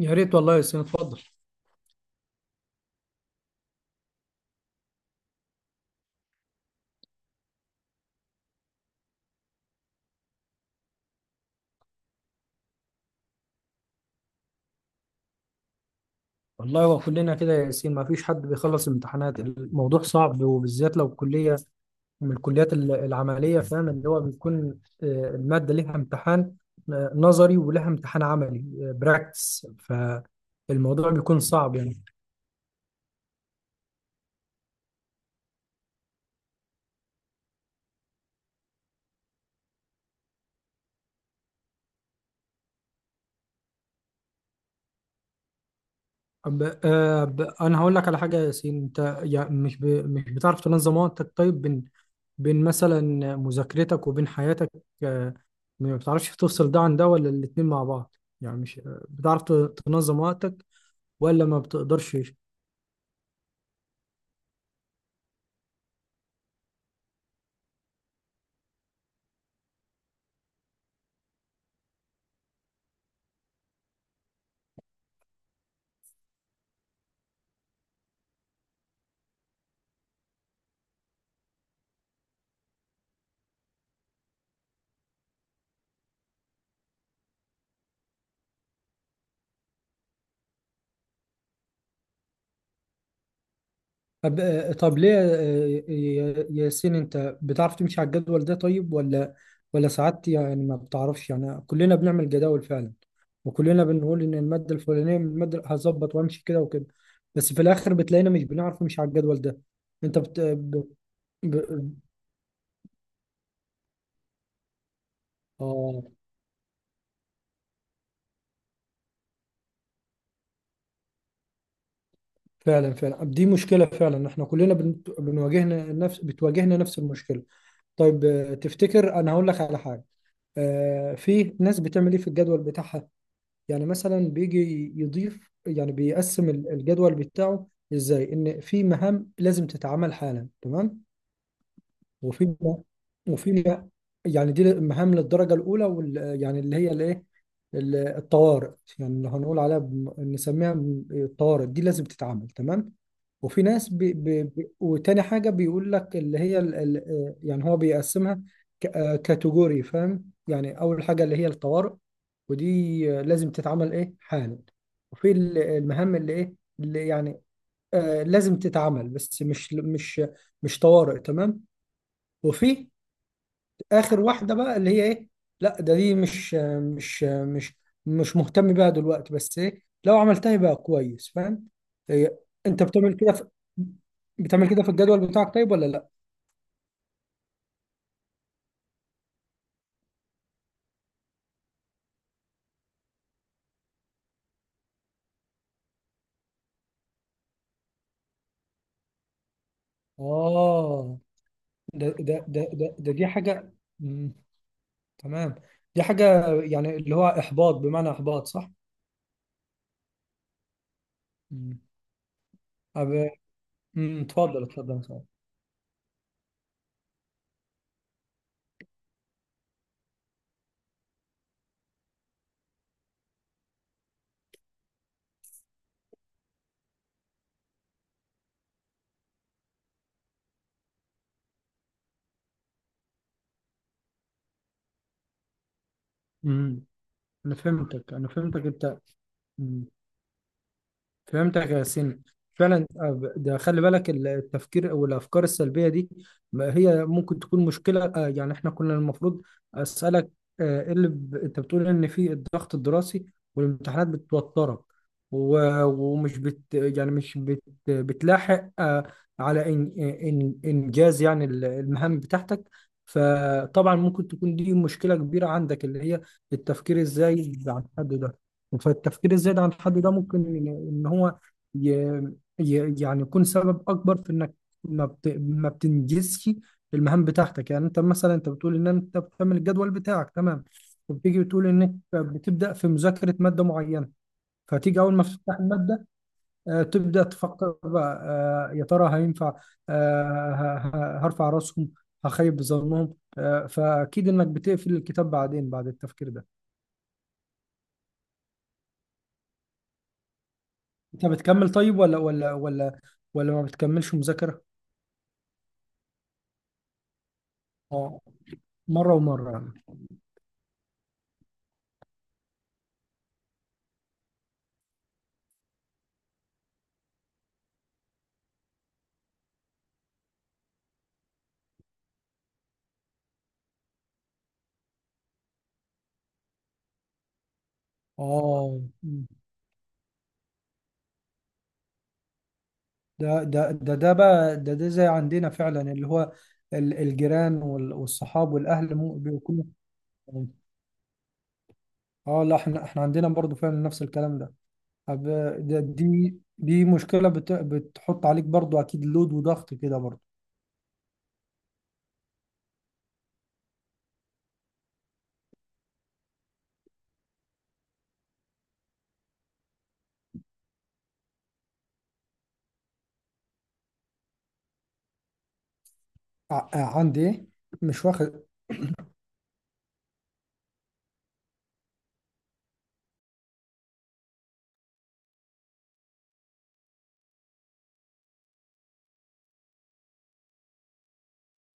يا ريت والله يا ياسين، اتفضل. والله هو كلنا كده يا ياسين، ما فيش حد بيخلص الامتحانات. الموضوع صعب، وبالذات لو كلية من الكليات العملية. فاهم اللي هو بيكون، المادة ليها امتحان نظري، ولها امتحان عملي براكتس. فالموضوع بيكون صعب يعني. أب أب أنا هقول لك على حاجة يا ياسين. أنت يعني مش بتعرف تنظم وقتك؟ طيب، بين مثلا مذاكرتك وبين حياتك، آه، ما بتعرفش تفصل ده عن ده، ولا الاتنين مع بعض؟ يعني مش بتعرف تنظم وقتك، ولا ما بتقدرش؟ طب طب ليه ياسين، انت بتعرف تمشي على الجدول ده طيب، ولا ساعات يعني ما بتعرفش؟ يعني كلنا بنعمل جداول فعلا، وكلنا بنقول ان المادة الفلانية من المادة هظبط وامشي كده وكده، بس في الاخر بتلاقينا مش بنعرف نمشي على الجدول ده. انت بت... ب... ب... اه، فعلا فعلا دي مشكلة، فعلا احنا كلنا بنواجهنا نفس بتواجهنا نفس المشكلة. طيب تفتكر انا هقول لك على حاجة. في ناس بتعمل ايه في الجدول بتاعها؟ يعني مثلا بيجي يضيف، يعني بيقسم الجدول بتاعه ازاي، ان في مهام لازم تتعمل حالا، تمام. وفيما وفيما يعني دي مهام للدرجة الأولى، يعني اللي هي الإيه، الطوارئ. يعني اللي هنقول عليها نسميها الطوارئ. دي لازم تتعمل، تمام. وفي ناس وتاني حاجة بيقول لك اللي هي ال يعني هو بيقسمها كاتيجوري، فاهم؟ يعني أول حاجة اللي هي الطوارئ، ودي لازم تتعمل إيه حالا. وفي المهام اللي إيه، اللي يعني لازم تتعمل بس مش طوارئ، تمام. وفي اخر واحده بقى اللي هي ايه، لا ده دي مش مش مش مهتم بيها دلوقتي، بس ايه، لو عملتها يبقى كويس، فاهم؟ إيه. انت بتعمل كده في بتعمل كده في الجدول بتاعك طيب، ولا لا؟ اه، ده ده ده ده, ده دي حاجه. مم. تمام، دي حاجه يعني اللي هو احباط بمعنى احباط، صح. مم. أب... مم. اتفضل اتفضل يا سعد. مم. انا فهمتك انت. مم. فهمتك يا سين. فعلا. ده خلي بالك التفكير او الافكار السلبيه دي، ما هي ممكن تكون مشكله. يعني احنا كنا المفروض اسالك إيه اللي انت بتقول ان في الضغط الدراسي والامتحانات بتوترك، و... ومش بت يعني مش بت... بتلاحق على انجاز يعني المهام بتاعتك. فطبعا ممكن تكون دي مشكله كبيره عندك، اللي هي التفكير ازاي عن حد ده. فالتفكير الزائد عن الحد ده ممكن إن هو ي... يعني يكون سبب اكبر في انك ما بتنجزش المهام بتاعتك. يعني انت مثلا انت بتقول ان انت بتعمل الجدول بتاعك، تمام. وبتيجي بتقول انك بتبدا في مذاكره ماده معينه، فتيجي اول ما تفتح الماده تبدا تفكر بقى يا ترى هينفع، آه، ه- هرفع راسهم؟ هخيب ظنهم؟ فاكيد انك بتقفل الكتاب بعدين بعد التفكير ده. انت بتكمل طيب، ولا ما بتكملش مذاكرة؟ اه، مرة ومرة يعني. اه، ده ده ده ده بقى ده ده زي عندنا فعلا، اللي هو الجيران والصحاب والاهل بيكونوا. اه لا، احنا عندنا برضو فعلا نفس الكلام ده. طب، ده دي دي مشكلة بتحط عليك برضو، اكيد لود وضغط كده برضو. ع- عندي ايه؟ مش واخد.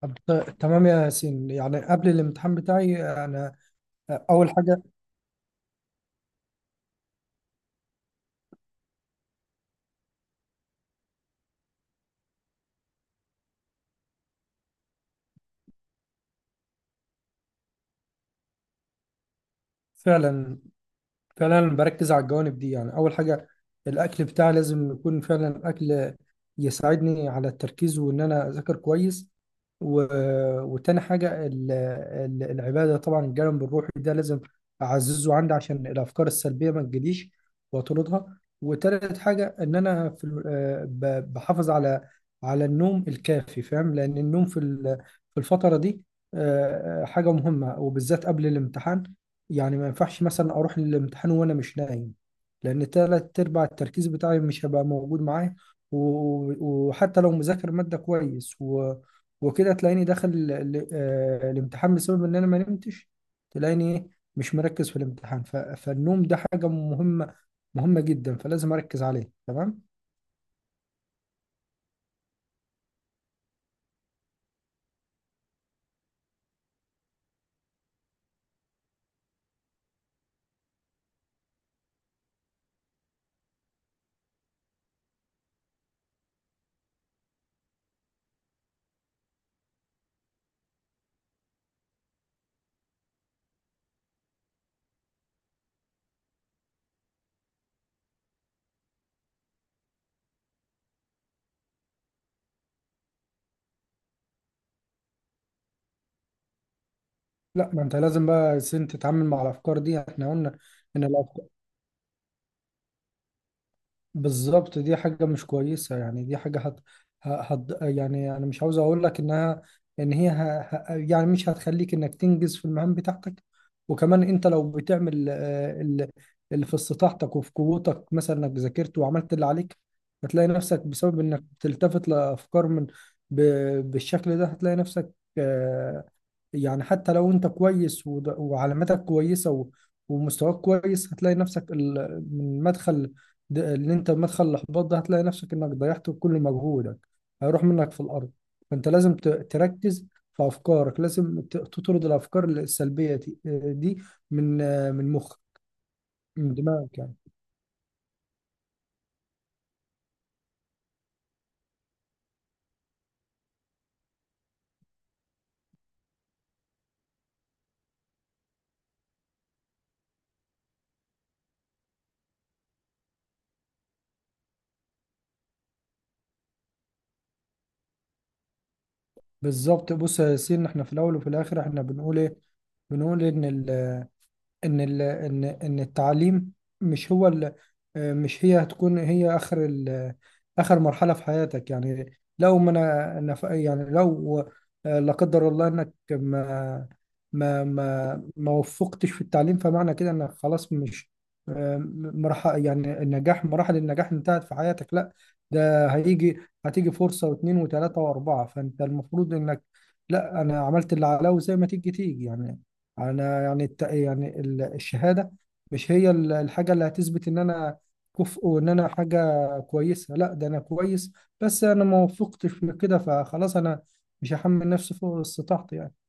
طب تمام يا ياسين. يعني قبل الامتحان بتاعي، انا اول حاجة، فعلا فعلا بركز على الجوانب دي. يعني اول حاجه الاكل بتاعي، لازم يكون فعلا اكل يساعدني على التركيز، وان انا اذاكر كويس. و... وتاني حاجه العباده، طبعا الجانب الروحي ده لازم اعززه عندي عشان الافكار السلبيه ما تجيليش واطردها. وتالت حاجه ان انا في بحافظ على النوم الكافي. فاهم، لان النوم في الفتره دي حاجه مهمه، وبالذات قبل الامتحان. يعني ما ينفعش مثلا اروح للامتحان وانا مش نايم، لان تلات ارباع التركيز بتاعي مش هيبقى موجود معايا. و- وحتى لو مذاكر مادة كويس وكده، تلاقيني داخل الامتحان بسبب ان انا ما نمتش، تلاقيني إيه؟ مش مركز في الامتحان. فالنوم ده حاجة مهمة مهمة جدا، فلازم اركز عليه، تمام. لا، ما انت لازم بقى سن تتعامل مع الافكار دي، احنا قلنا ان الافكار بالظبط دي حاجة مش كويسة، يعني دي حاجة يعني أنا مش عاوز أقول لك إنها، إن هي يعني مش هتخليك إنك تنجز في المهام بتاعتك. وكمان أنت لو بتعمل اللي في استطاعتك وفي قوتك، مثلا إنك ذاكرت وعملت اللي عليك، هتلاقي نفسك بسبب إنك بتلتفت لأفكار من ب... بالشكل ده، هتلاقي نفسك، آه، يعني حتى لو انت كويس وعلاماتك كويسة ومستواك كويس، هتلاقي نفسك من مدخل اللي انت مدخل الاحباط ده، هتلاقي نفسك انك ضيعت كل مجهودك، هيروح منك في الارض. فانت لازم تركز في افكارك، لازم تطرد الافكار السلبية دي دي من من مخك، من دماغك يعني. بالظبط. بص يا ياسين، احنا في الاول وفي الاخر احنا بنقول ايه، بنقول ان التعليم مش هو ال مش هي هتكون هي اخر مرحله في حياتك. يعني لو ما انا أنا يعني لو لا قدر الله انك ما وفقتش في التعليم، فمعنى كده انك خلاص مش مراحل يعني النجاح مراحل النجاح انتهت في حياتك؟ لا. ده هيجي، هتيجي فرصه واثنين وثلاثه واربعه. فانت المفروض انك، لا انا عملت اللي عليا، وزي ما تيجي تيجي يعني. انا يعني يعني الشهاده مش هي الحاجه اللي هتثبت ان انا كفء وان انا حاجه كويسه. لا، ده انا كويس، بس انا ما وفقتش في كده، فخلاص انا مش هحمل نفسي فوق استطاعتي يعني.